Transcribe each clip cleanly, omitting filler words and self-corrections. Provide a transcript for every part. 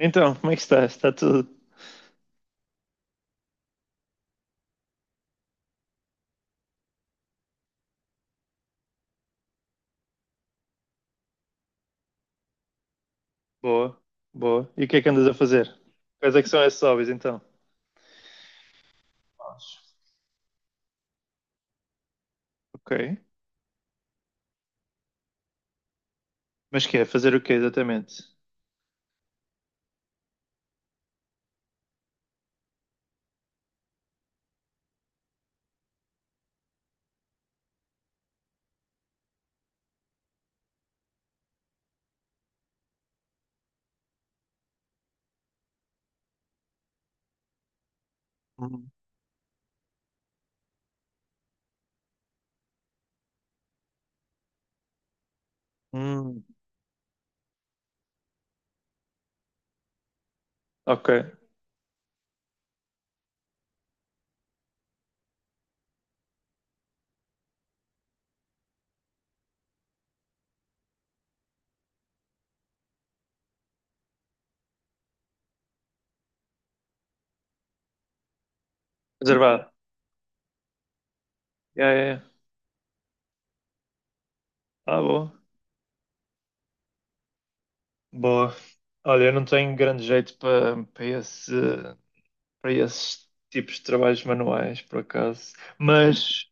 Então, como é que estás? Está tudo? Boa, boa. E o que é que andas a fazer? Quais é que são esses hobbies então? Ok. Mas que é? Fazer o quê exatamente? Hum. Hum. Ok. Reservado. É, é. É. Ah, boa. Boa. Olha, eu não tenho grande jeito para esse, para esses tipos de trabalhos manuais, por acaso. Mas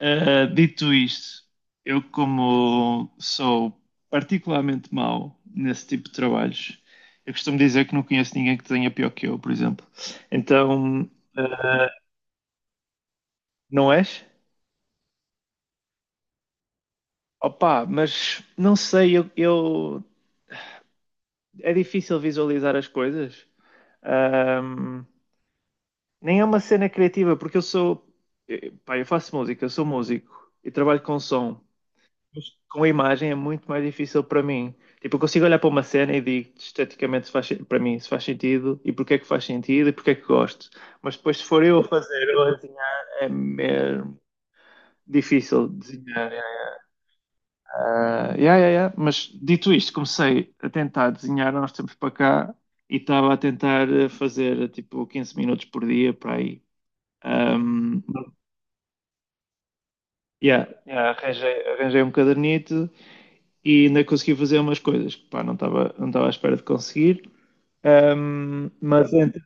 Dito isto, eu como sou particularmente mau nesse tipo de trabalhos, eu costumo dizer que não conheço ninguém que tenha pior que eu, por exemplo. Então, não és? Opa, mas não sei, é difícil visualizar as coisas. Ahm, Nem é uma cena criativa, porque eu sou, pá, eu faço música, eu sou músico e trabalho com som. Mas com a imagem é muito mais difícil para mim. Tipo, eu consigo olhar para uma cena e digo esteticamente se faz, para mim se faz sentido e porque é que faz sentido e porque é que gosto. Mas depois, se for eu a fazer ou a desenhar, é mesmo difícil desenhar. Ah, yeah, yeah, yeah. Mas dito isto, comecei a tentar desenhar há uns tempos para cá e estava a tentar fazer tipo 15 minutos por dia para aí. Um, yeah, yeah, arranjei um cadernito e ainda consegui fazer umas coisas que pá, não estava à espera de conseguir. Um, mas entre-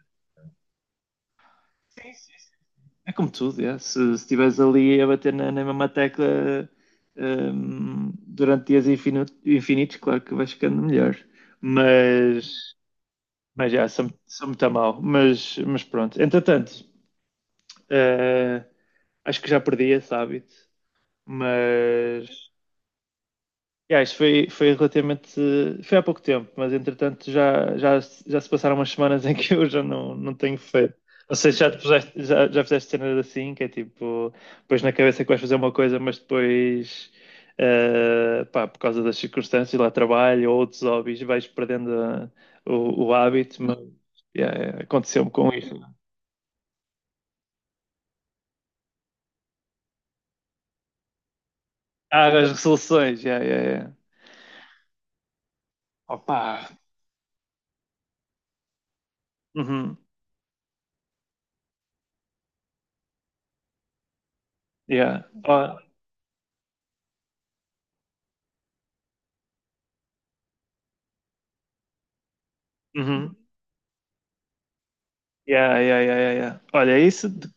É como tudo, yeah. Se estiveres ali a bater na, mesma tecla durante dias infinitos, claro que vais ficando melhor. Mas, mas já, sou muito a mal. Mas pronto, entretanto, eh, acho que já perdi esse hábito, mas yeah, isto foi relativamente. Foi há pouco tempo, mas entretanto já se passaram umas semanas em que eu já não tenho feito. Não sei se já te puseste, já fizeste cenas assim, que é tipo, pões na cabeça que vais fazer uma coisa, mas depois, pá, por causa das circunstâncias, lá trabalho ou outros hobbies, vais perdendo o hábito, mas yeah, yeah, aconteceu-me com isso. Ah, as resoluções, yeah, yeah, yeah. Opa! Uhum, yeah. Ó, uhum. Yeah, yeah, yeah, yeah, yeah. Olha,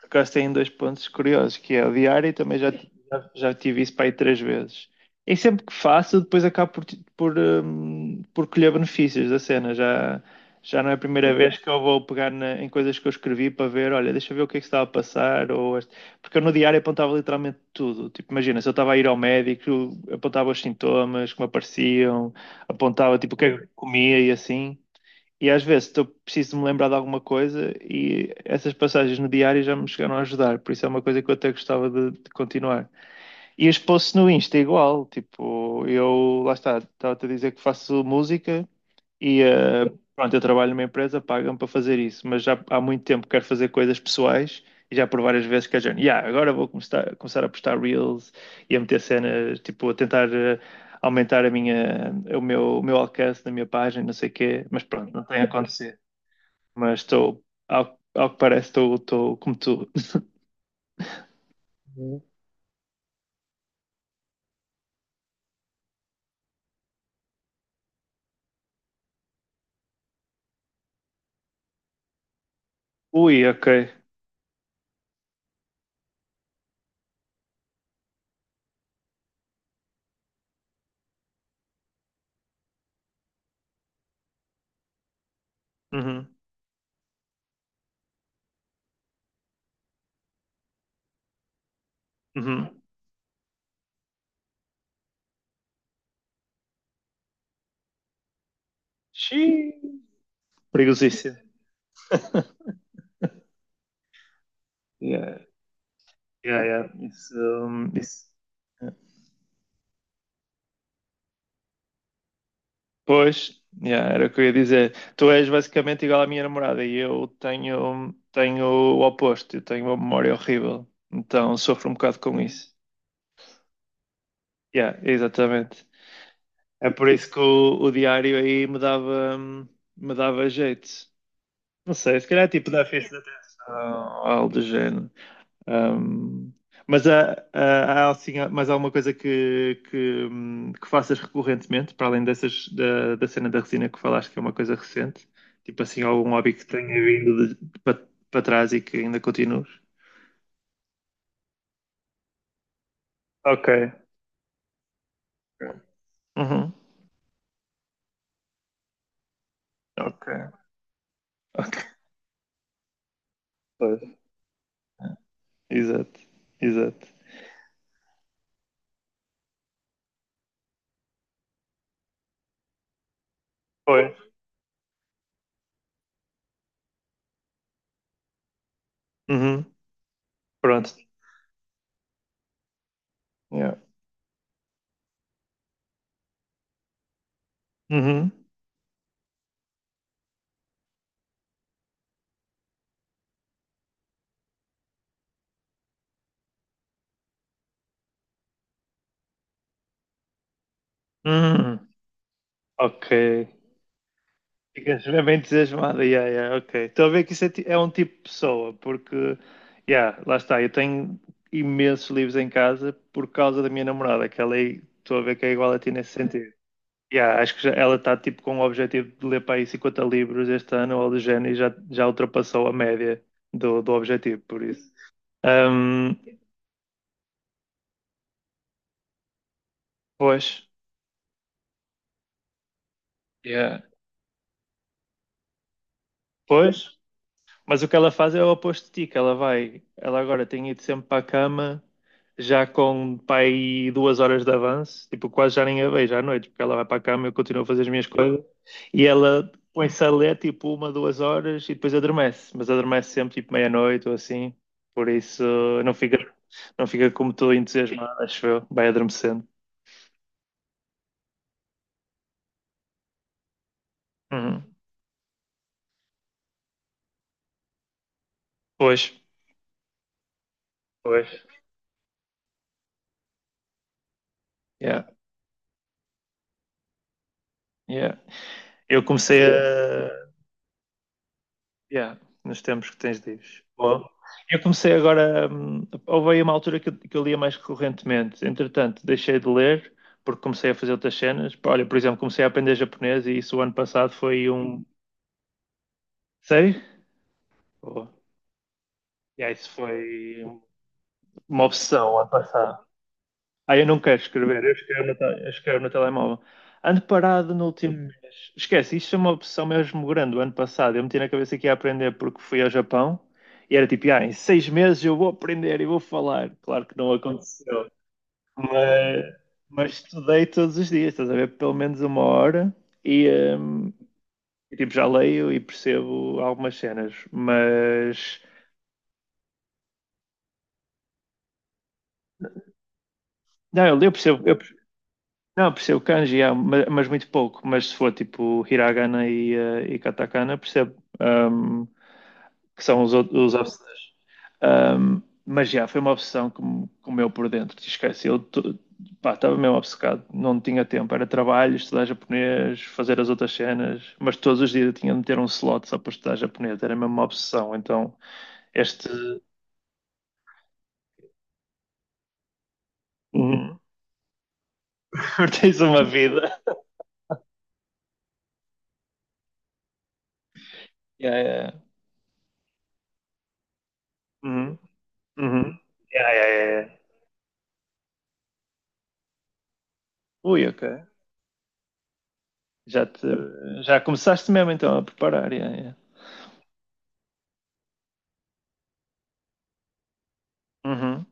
por acaso tem dois pontos curiosos, que é o diário, e também já tive isso para aí três vezes. E sempre que faço, depois acabo por colher benefícios da cena. Já não é a primeira vez que eu vou pegar em coisas que eu escrevi para ver, olha, deixa eu ver o que é que se estava a passar. Porque eu no diário apontava literalmente tudo. Tipo, imagina, se eu estava a ir ao médico, eu apontava os sintomas que me apareciam, apontava tipo o que é que eu comia e assim. E às vezes estou preciso de me lembrar de alguma coisa e essas passagens no diário já me chegaram a ajudar, por isso é uma coisa que eu até gostava de continuar. E os posts no Insta é igual, tipo, eu lá está, estava-te a dizer que faço música e pronto, eu trabalho numa empresa, pagam-me para fazer isso, mas já há muito tempo quero fazer coisas pessoais e já por várias vezes que a gente, yeah, agora vou começar a postar reels e a meter cenas, tipo, a tentar. Aumentar a minha, o meu alcance na minha página, não sei o quê, mas pronto, não tem acontecido mas estou, ao que parece, estou como tu. Uhum. Ui, ok. Uhum, uhum. Xiii. Perigosíssimo. Yeah, yeah, yeah. Isso, isso. Yeah. Pois, yeah, era o que eu ia dizer. Tu és basicamente igual à minha namorada e eu tenho o oposto, eu tenho uma memória horrível, então sofro um bocado com isso. Yeah, exatamente. É por isso que o diário aí me dava jeito. Não sei, se calhar é tipo da festa de atenção, ou algo do género. Ahm, mas há, assim, há mais alguma coisa que faças recorrentemente, para além dessas, da cena da resina que falaste, que é uma coisa recente? Tipo assim, algum hobby que tenha vindo para trás e que ainda continues? Ok. Uhum. Ok. Ok. Pois. Exato. Exato. Pois. Uhum. Pronto. Yeah. Uhum. Uhum. Ok. Ficas bem entusiasmado, yeah, yeah, ok. Estou a ver que isso é um tipo de pessoa, porque, yeah, lá está, eu tenho imensos livros em casa por causa da minha namorada, que ela é, estou a ver que é igual a ti nesse sentido. Yeah, acho que ela está tipo com o objetivo de ler para aí 50 livros este ano ou do género e já ultrapassou a média do objetivo, por isso. Ahm, Pois, yeah. Pois. Mas o que ela faz é o oposto de ti, que ela agora tem ido sempre para a cama, já com pai 2 horas de avanço, tipo, quase já nem a vejo à noite, porque ela vai para a cama, eu continuo a fazer as minhas coisas, e ela põe-se a ler tipo uma, duas horas e depois adormece, mas adormece sempre tipo meia-noite ou assim, por isso não fica, não fica como tu entusiasmado, acho eu, vai adormecendo. Uhum. Pois, pois, yeah, yeah. Eu comecei a Yeah, nos tempos que tens livres. Boa. Eu comecei agora. Houve aí uma altura que eu lia mais recorrentemente. Entretanto, deixei de ler porque comecei a fazer outras cenas. Pá, olha, por exemplo, comecei a aprender japonês e isso o ano passado foi um. Sei? Boa. Yeah, isso foi uma obsessão o ano passado. Ah, eu não quero escrever, eu escrevo no telemóvel. Ando parado no último mês. Esquece, isto é uma opção mesmo grande. O ano passado eu meti na cabeça que ia aprender porque fui ao Japão e era tipo, em 6 meses eu vou aprender e vou falar. Claro que não aconteceu, mas, mas estudei todos os dias, estás a ver? Pelo menos uma hora e, hum, tipo, já leio e percebo algumas cenas, mas. Não, eu percebo, eu Não, percebo kanji, yeah, mas, muito pouco. Mas se for tipo hiragana e katakana, percebo um, que são os, outros- os obs- Mas já, foi uma obsessão que me comeu por dentro, te esqueci. Pá, estava mesmo obcecado, não tinha tempo. Era trabalho, estudar japonês, fazer as outras cenas, mas todos os dias eu tinha de ter um slot só para estudar japonês, era mesmo uma obsessão. Então, este. Uhum. Tens uma vida. Yeah, yeah. Uhum. Uhum. É. Ui, ok. Já, te, já começaste mesmo então a preparar. Yeah, yeah. Uhum,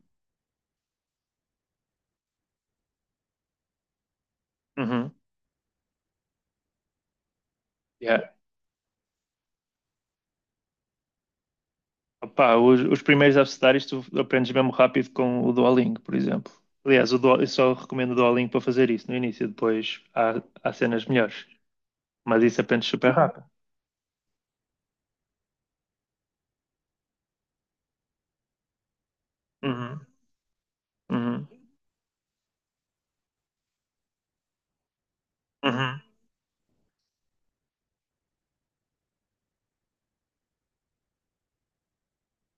uhum, yeah. Opá, os primeiros abecedários tu aprendes mesmo rápido com o Duolingo, por exemplo. Aliás, eu só recomendo o Duolingo para fazer isso no início, depois há cenas melhores. Mas isso aprendes super rápido. Uhum, uhum, uhum.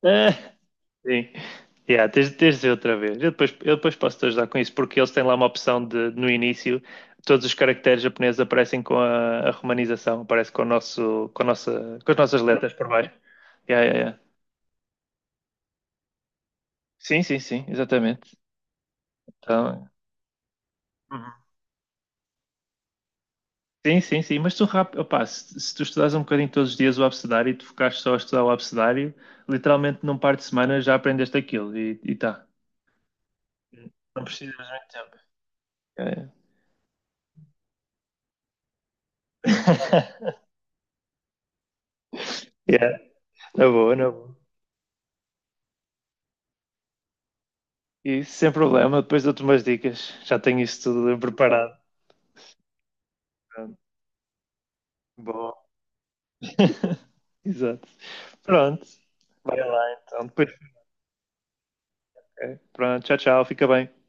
Sim. Yeah, tens de dizer outra vez. Eu depois posso te ajudar com isso, porque eles têm lá uma opção de, no início, todos os caracteres japoneses aparecem com a romanização, aparece com o nosso, com a nossa, com as nossas letras por baixo. Yeah, yeah, yeah. Sim, sim, sim, exatamente. Então, Uhum. Sim, sim, sim. Mas tu, rápido opá, se tu estudares um bocadinho todos os dias o abecedário e te focares só a estudar o abecedário, literalmente num par de semanas já aprendeste aquilo e tá. Não precisas de muito tempo. Yeah, yeah. Yeah, na boa, na boa. E sem problema, depois dou-te umas dicas. Já tenho isso tudo preparado. Pronto. Boa. Exato. Pronto. Vai lá então. Depois... Ok. Pronto, tchau, tchau. Fica bem.